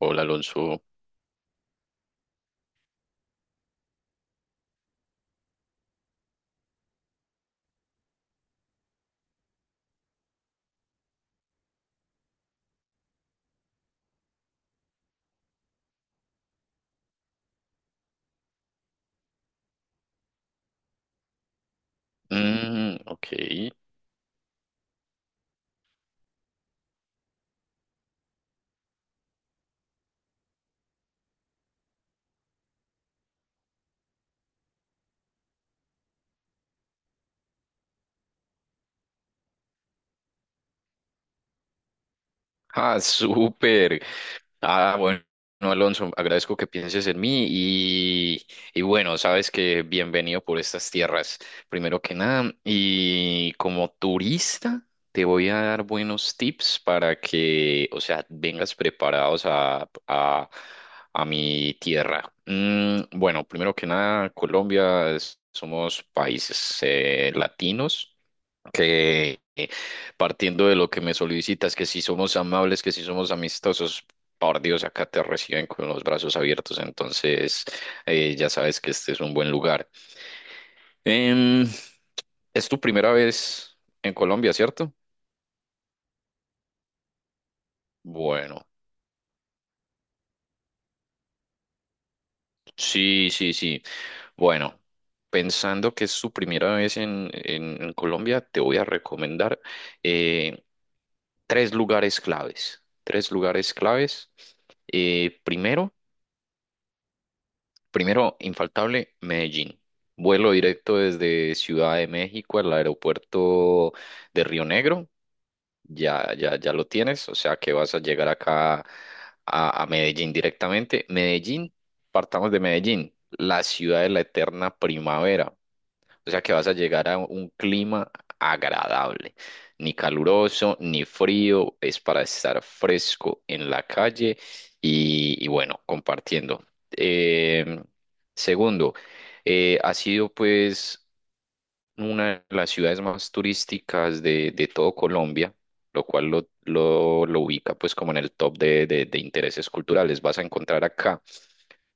Hola Alonso. Mm, ok. Ah, súper. Ah, bueno, Alonso, agradezco que pienses en mí y bueno, sabes que bienvenido por estas tierras, primero que nada. Y como turista, te voy a dar buenos tips para que, o sea, vengas preparados a mi tierra. Bueno, primero que nada, Colombia, somos países latinos que partiendo de lo que me solicitas, que si somos amables, que si somos amistosos, por Dios, acá te reciben con los brazos abiertos, entonces ya sabes que este es un buen lugar. Em, es tu primera vez en Colombia, ¿cierto? Bueno, sí, sí, sí. Bueno, pensando que es su primera vez en, en Colombia, te voy a recomendar eh, tres lugares claves. Tres lugares claves. Primero, primero, infaltable, Medellín. Vuelo directo desde Ciudad de México al aeropuerto de Río Negro. Ya, ya, ya lo tienes, o sea que vas a llegar acá a Medellín directamente. Medellín, partamos de Medellín, la ciudad de la eterna primavera. O sea que vas a llegar a un clima agradable, ni caluroso, ni frío, es para estar fresco en la calle y bueno, compartiendo. Eh, Segundo, ha sido pues una de las ciudades más turísticas de todo Colombia, lo cual lo ubica pues como en el top de intereses culturales. Vas a encontrar acá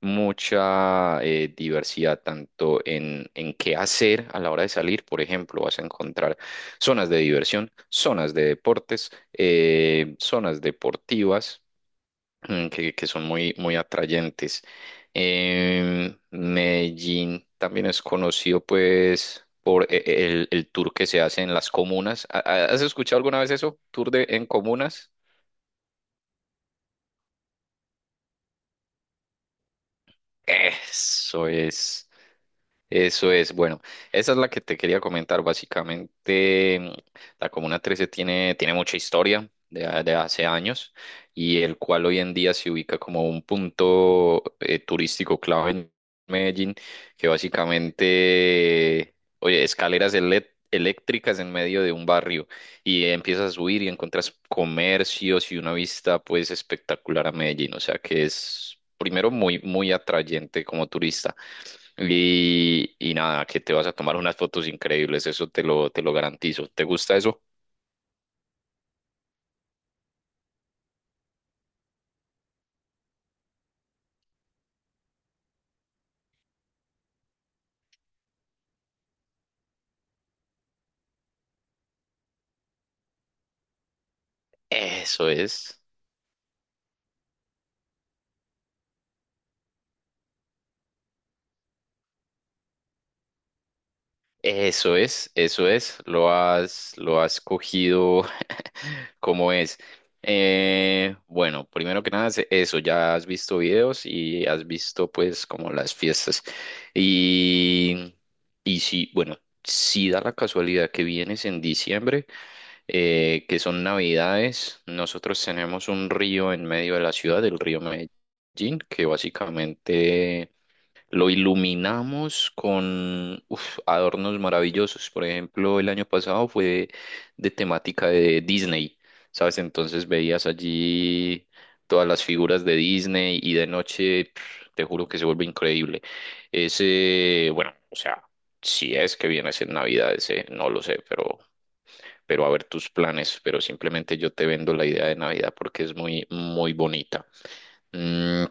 mucha diversidad tanto en qué hacer a la hora de salir. Por ejemplo, vas a encontrar zonas de diversión, zonas de deportes, zonas deportivas, que son muy, muy atrayentes. Medellín también es conocido pues por el tour que se hace en las comunas. ¿Has escuchado alguna vez eso? ¿Tour de, en comunas? Eso es. Eso es, bueno, esa es la que te quería comentar. Básicamente, la Comuna 13 tiene mucha historia de hace años, y el cual hoy en día se ubica como un punto turístico clave en Medellín, que básicamente, oye, escaleras eléctricas en medio de un barrio, y empiezas a subir y encuentras comercios y una vista pues espectacular a Medellín, o sea que es primero muy, muy atrayente como turista. Y nada, que te vas a tomar unas fotos increíbles, eso te lo garantizo. ¿Te gusta eso? Eso es, eso es, eso es. Lo has cogido como es. Bueno, primero que nada, es eso, ya has visto videos y has visto pues como las fiestas. Y, y sí, bueno, si da la casualidad que vienes en diciembre, que son Navidades. Nosotros tenemos un río en medio de la ciudad, el río Medellín, que básicamente lo iluminamos con uf, adornos maravillosos. Por ejemplo, el año pasado fue de temática de Disney, ¿sabes? Entonces veías allí todas las figuras de Disney, y de noche, pf, te juro que se vuelve increíble. Ese, bueno, o sea... Si es que viene a ser Navidades, no lo sé, pero a ver tus planes, pero simplemente yo te vendo la idea de Navidad porque es muy, muy bonita. Mm,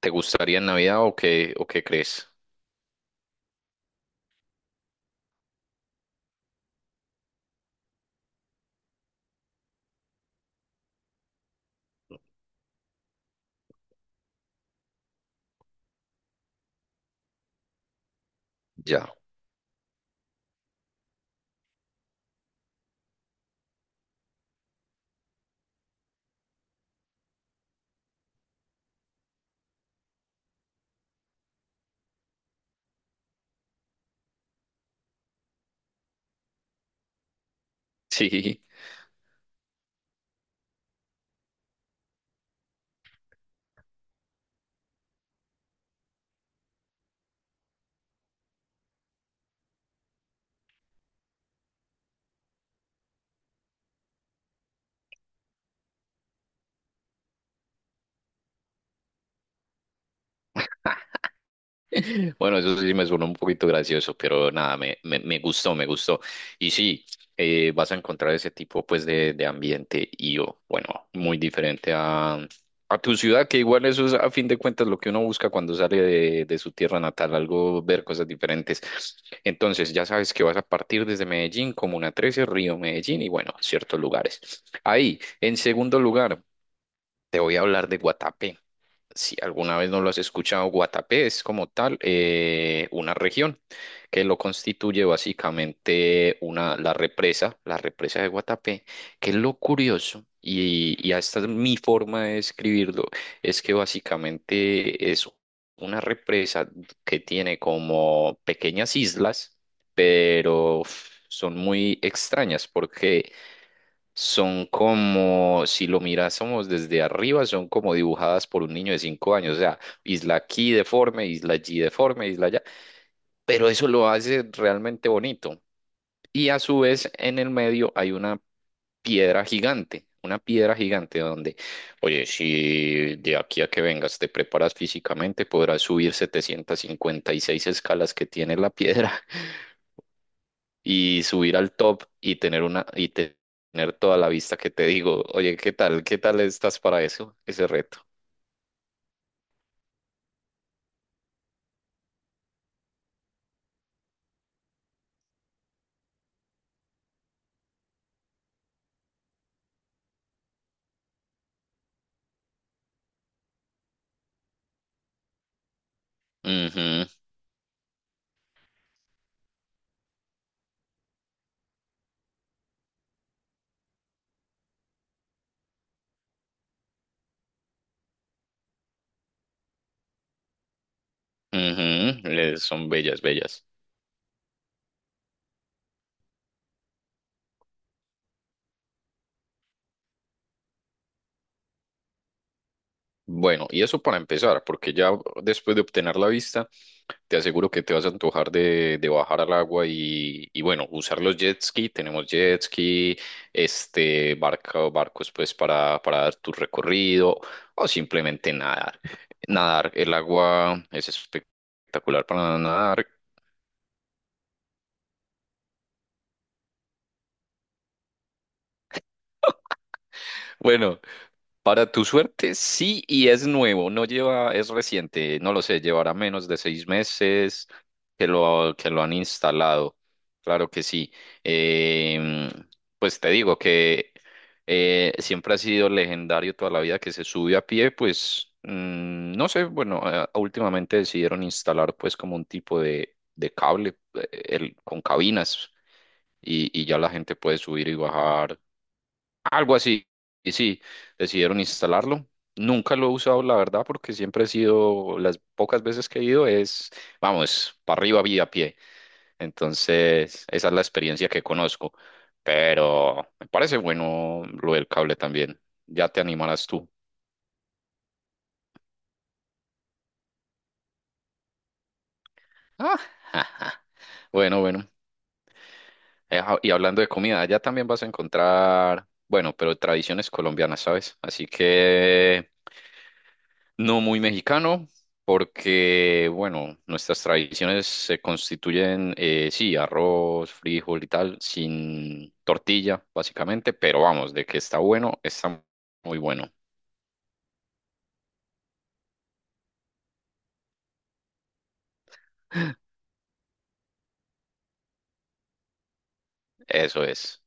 ¿Te gustaría en Navidad o qué, crees? Ya. Sí. Bueno, eso sí me suena un poquito gracioso, pero nada, me gustó, me gustó. Y sí, vas a encontrar ese tipo pues de ambiente y oh, bueno, muy diferente a tu ciudad, que igual eso es a fin de cuentas lo que uno busca cuando sale de su tierra natal, algo, ver cosas diferentes. Entonces, ya sabes que vas a partir desde Medellín, Comuna 13, Río Medellín y bueno, ciertos lugares. Ahí, en segundo lugar. Te voy a hablar de Guatapé. Si alguna vez no lo has escuchado, Guatapé es como tal, una región que lo constituye básicamente la represa de Guatapé, que es lo curioso, y esta es mi forma de describirlo, es que básicamente es una represa que tiene como pequeñas islas, pero uf, son muy extrañas porque son como, si lo mirásemos desde arriba, son como dibujadas por un niño de 5 años, o sea, isla aquí deforme, isla allí deforme, isla allá, pero eso lo hace realmente bonito. Y a su vez, en el medio hay una piedra gigante donde, oye, si de aquí a que vengas te preparas físicamente, podrás subir 756 escalas que tiene la piedra y subir al top y tener tener toda la vista que te digo, oye, ¿qué tal? ¿Qué tal estás para eso? Ese reto. Ujú, ujú, son bellas, bellas. Bueno, y eso para empezar, porque ya después de obtener la vista, te aseguro que te vas a antojar de bajar al agua y bueno, usar los jet ski. Tenemos jet ski, este, barcos pues para, dar tu recorrido o simplemente nadar. Nadar, el agua es espectacular para nadar. Bueno, para tu suerte, sí, y es nuevo, no lleva, es reciente, no lo sé, llevará menos de 6 meses que lo han instalado, claro que sí. Em, pues te digo que siempre ha sido legendario toda la vida que se sube a pie, pues no sé, bueno, últimamente decidieron instalar pues como un tipo de cable, con cabinas y ya la gente puede subir y bajar algo así. Y sí, decidieron instalarlo. Nunca lo he usado, la verdad, porque siempre he sido, las pocas veces que he ido es, vamos, para arriba vía a pie. Entonces, esa es la experiencia que conozco. Pero me parece bueno lo del cable también. Ya te animarás tú. Ah, ja, ja. Bueno, bueno. Y hablando de comida, allá también vas a encontrar, bueno, pero tradiciones colombianas, ¿sabes? Así que no muy mexicano, porque, bueno, nuestras tradiciones se constituyen, sí, arroz, frijol y tal, sin tortilla, básicamente, pero vamos, de que está bueno, está muy bueno. Eso es.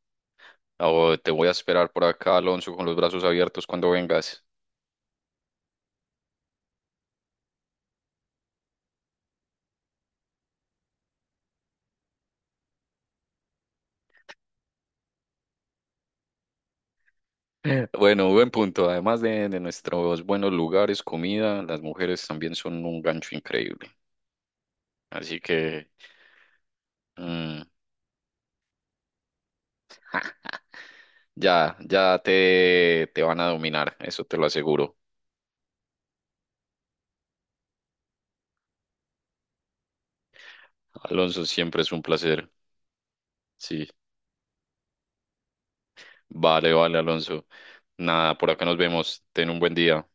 Oh, te voy a esperar por acá, Alonso, con los brazos abiertos cuando vengas. Bueno, buen punto. Además de nuestros buenos lugares, comida, las mujeres también son un gancho increíble. Así que mm, ya, ya te van a dominar, eso te lo aseguro. Alonso, siempre es un placer. Sí, vale, vale, Alonso. Nada, por acá nos vemos. Ten un buen día.